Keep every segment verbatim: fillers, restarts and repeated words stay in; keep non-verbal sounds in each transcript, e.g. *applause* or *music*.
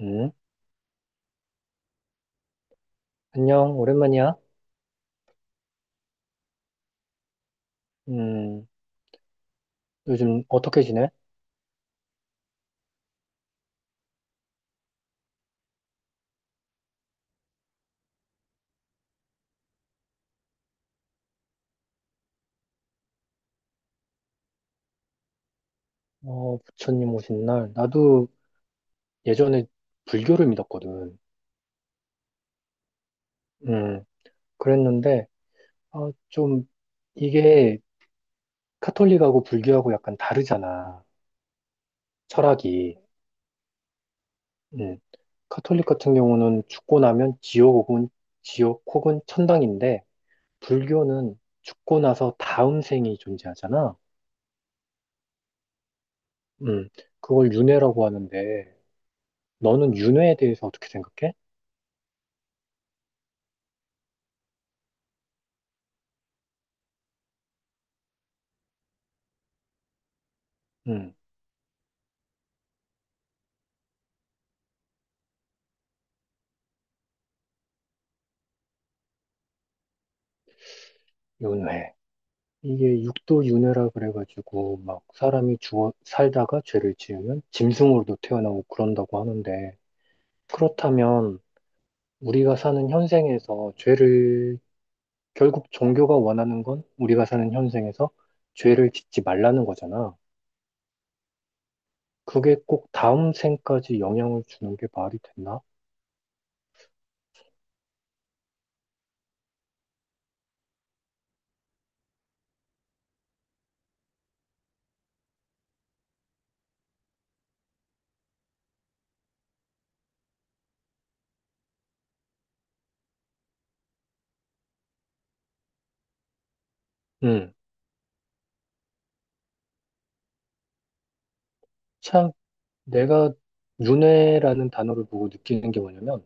음, 안녕, 오랜만이야. 음, 요즘 어떻게 지내? 어, 부처님 오신 날. 나도 예전에 불교를 믿었거든. 음, 그랬는데, 아, 좀, 이게 카톨릭하고 불교하고 약간 다르잖아. 철학이. 음, 카톨릭 같은 경우는 죽고 나면 지옥 혹은, 지옥 혹은 천당인데, 불교는 죽고 나서 다음 생이 존재하잖아. 음, 그걸 윤회라고 하는데, 너는 윤회에 대해서 어떻게 생각해? 음. 윤회. 이게 육도 윤회라 그래가지고 막 사람이 주어 살다가 죄를 지으면 짐승으로도 태어나고 그런다고 하는데 그렇다면 우리가 사는 현생에서 죄를 결국 종교가 원하는 건 우리가 사는 현생에서 죄를 짓지 말라는 거잖아. 그게 꼭 다음 생까지 영향을 주는 게 말이 됐나? 음. 참 내가 윤회라는 단어를 보고 느끼는 게 뭐냐면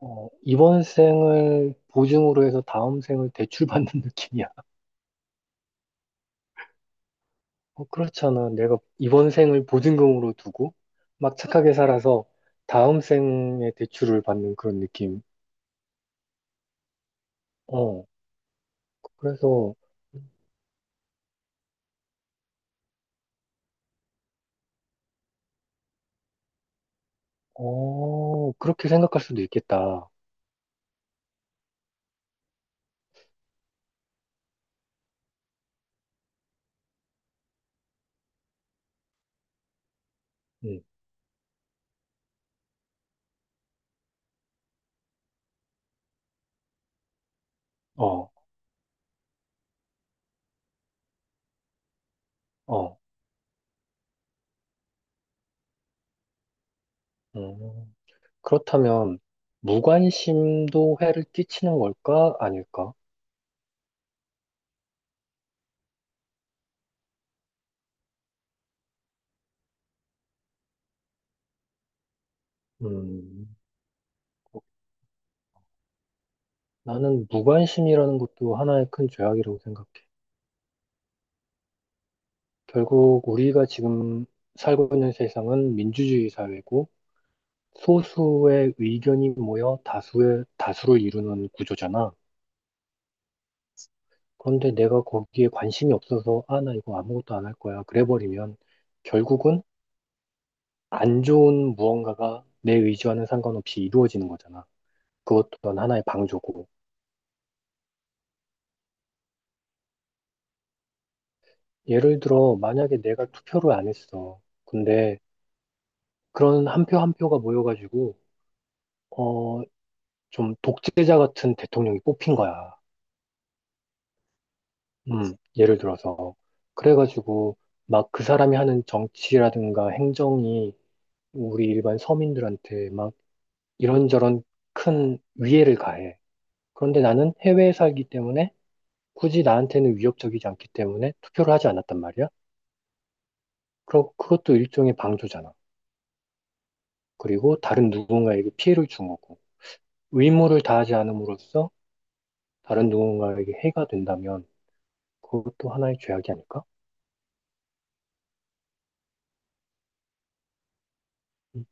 어, 이번 생을 보증으로 해서 다음 생을 대출받는 *laughs* 느낌이야. 어, 그렇잖아. 내가 이번 생을 보증금으로 두고 막 착하게 살아서 다음 생에 대출을 받는 그런 느낌. 어, 그래서, 어, 그렇게 생각할 수도 있겠다. 음, 어, 어, 음. 그렇다면, 무관심도 해를 끼치는 걸까? 아닐까? 음, 나는 무관심이라는 것도 하나의 큰 죄악이라고 생각해. 결국 우리가 지금 살고 있는 세상은 민주주의 사회고 소수의 의견이 모여 다수의 다수를 이루는 구조잖아. 그런데 내가 거기에 관심이 없어서 아, 나 이거 아무것도 안 할 거야. 그래 버리면 결국은 안 좋은 무언가가 내 의지와는 상관없이 이루어지는 거잖아. 그것 또한 하나의 방조고. 예를 들어 만약에 내가 투표를 안 했어. 근데 그런 한 표 한 표가 모여가지고 어, 좀 독재자 같은 대통령이 뽑힌 거야. 음, 예를 들어서. 그래가지고, 막 그 사람이 하는 정치라든가 행정이 우리 일반 서민들한테 막 이런저런 큰 위해를 가해. 그런데 나는 해외에 살기 때문에 굳이 나한테는 위협적이지 않기 때문에 투표를 하지 않았단 말이야. 그럼 그것도 일종의 방조잖아. 그리고 다른 누군가에게 피해를 준 거고. 의무를 다하지 않음으로써 다른 누군가에게 해가 된다면 그것도 하나의 죄악이 아닐까? 음,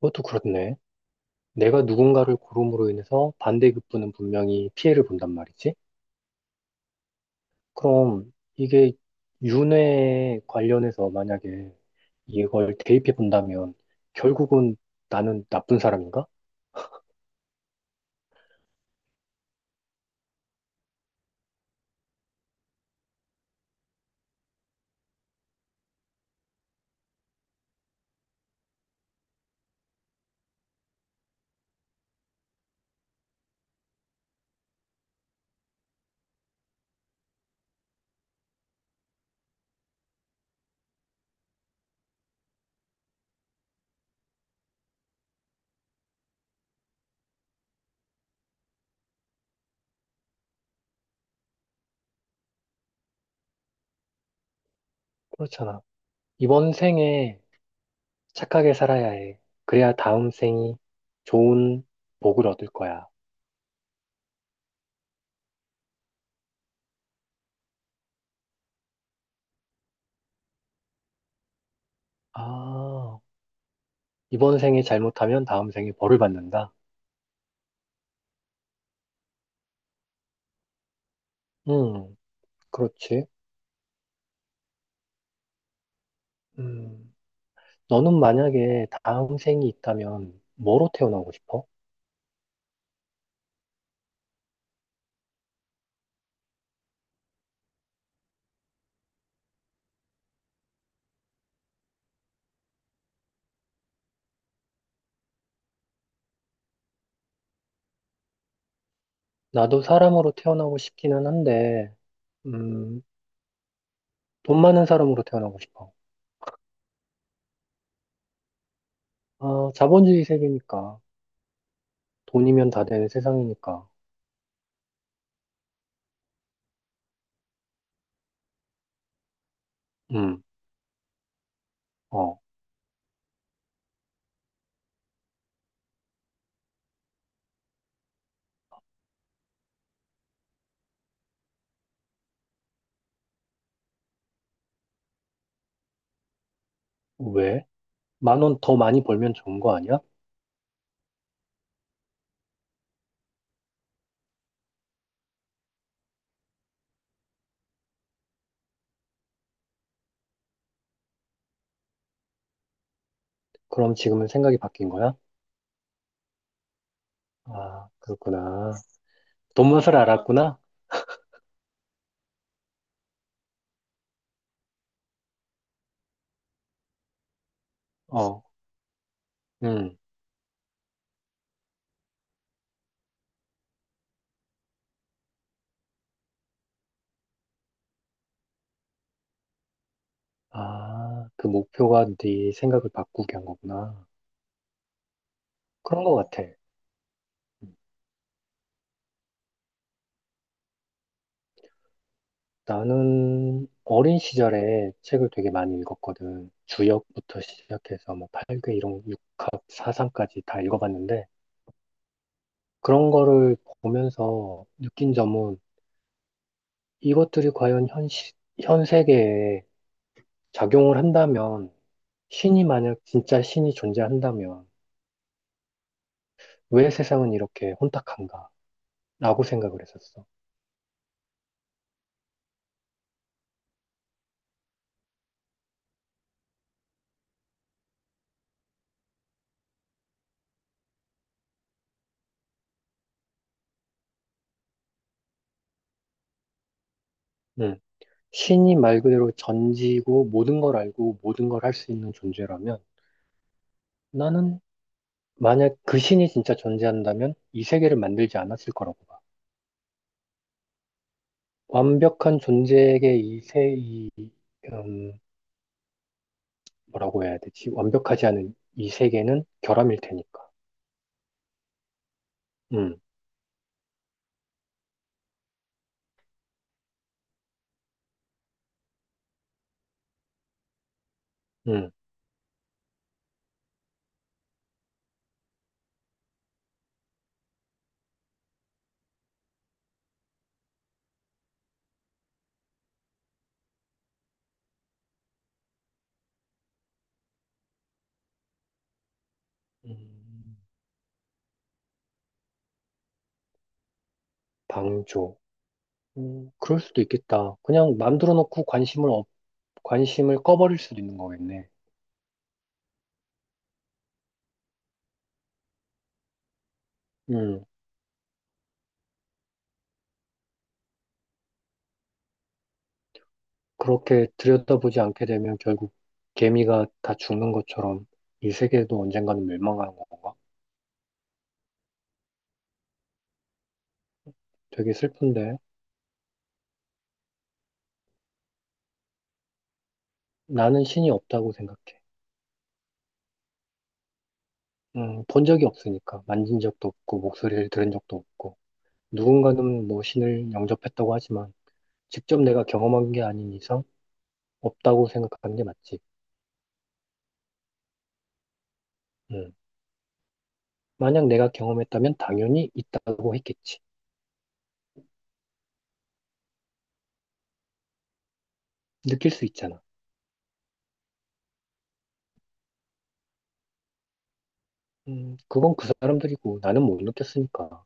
그것도 그렇네. 내가 누군가를 고름으로 인해서 반대급부는 분명히 피해를 본단 말이지. 그럼 이게 윤회 관련해서 만약에 이걸 대입해 본다면 결국은 나는 나쁜 사람인가? 그렇잖아. 이번 생에 착하게 살아야 해. 그래야 다음 생이 좋은 복을 얻을 거야. 아, 이번 생에 잘못하면 다음 생에 벌을 받는다. 음, 그렇지. 음. 너는 만약에 다음 생이 있다면 뭐로 태어나고 싶어? 나도 사람으로 태어나고 싶기는 한데, 음, 돈 많은 사람으로 태어나고 싶어. 아, 자본주의 세계니까. 돈이면 다 되는 세상이니까. 음, 어, 왜? 만 원 더 많이 벌면 좋은 거 아니야? 그럼 지금은 생각이 바뀐 거야? 아, 그렇구나. 돈 맛을 알았구나? 어, 음. 아, 그 목표가 네 생각을 바꾸게 한 거구나. 그런 거 같아. 음. 나는 어린 시절에 책을 되게 많이 읽었거든. 주역부터 시작해서 뭐 팔괘, 일용, 육합, 사상까지 다 읽어봤는데 그런 거를 보면서 느낀 점은 이것들이 과연 현, 시, 현 세계에 작용을 한다면 신이 만약 진짜 신이 존재한다면 왜 세상은 이렇게 혼탁한가? 라고 생각을 했었어. 음, 신이 말 그대로 전지고 모든 걸 알고 모든 걸 할 수 있는 존재라면 나는 만약 그 신이 진짜 존재한다면 이 세계를 만들지 않았을 거라고 봐. 완벽한 존재에게 이 세, 이, 음, 뭐라고 해야 되지? 완벽하지 않은 이 세계는 결함일 테니까. 음, 음, 음, 방조. 음, 그럴 수도 있겠다. 그냥 만들어 놓고 관심을, 없- 관심을 꺼버릴 수도 있는 거겠네. 음, 그렇게 들여다보지 않게 되면 결국 개미가 다 죽는 것처럼 이 세계도 언젠가는 멸망하는 건가? 되게 슬픈데. 나는 신이 없다고 생각해. 음, 본 적이 없으니까. 만진 적도 없고, 목소리를 들은 적도 없고. 누군가는 뭐 신을 영접했다고 하지만, 직접 내가 경험한 게 아닌 이상, 없다고 생각하는 게 맞지. 음, 만약 내가 경험했다면 당연히 있다고 했겠지. 느낄 수 있잖아. 음, 그건 그 사람들이고, 나는 못 느꼈으니까.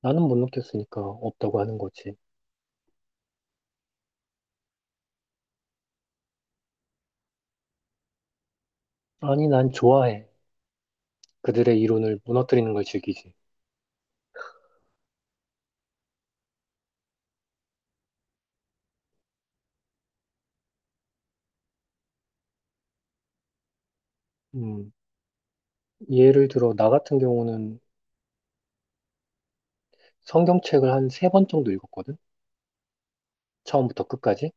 나는 못 느꼈으니까 없다고 하는 거지. 아니, 난 좋아해. 그들의 이론을 무너뜨리는 걸 즐기지. 음, 예를 들어, 나 같은 경우는 성경책을 한 세 번 정도 읽었거든? 처음부터 끝까지?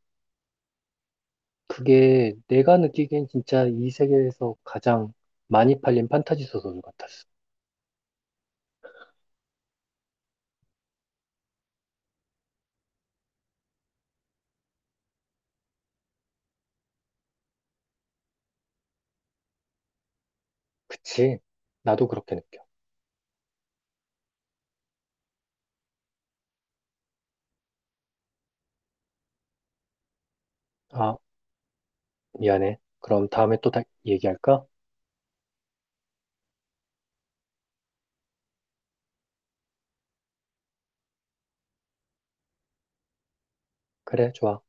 그게 내가 느끼기엔 진짜 이 세계에서 가장 많이 팔린 판타지 소설 같았어. 그치? 나도 그렇게 느껴. 아, 미안해. 그럼 다음에 또 다 얘기할까? 그래, 좋아.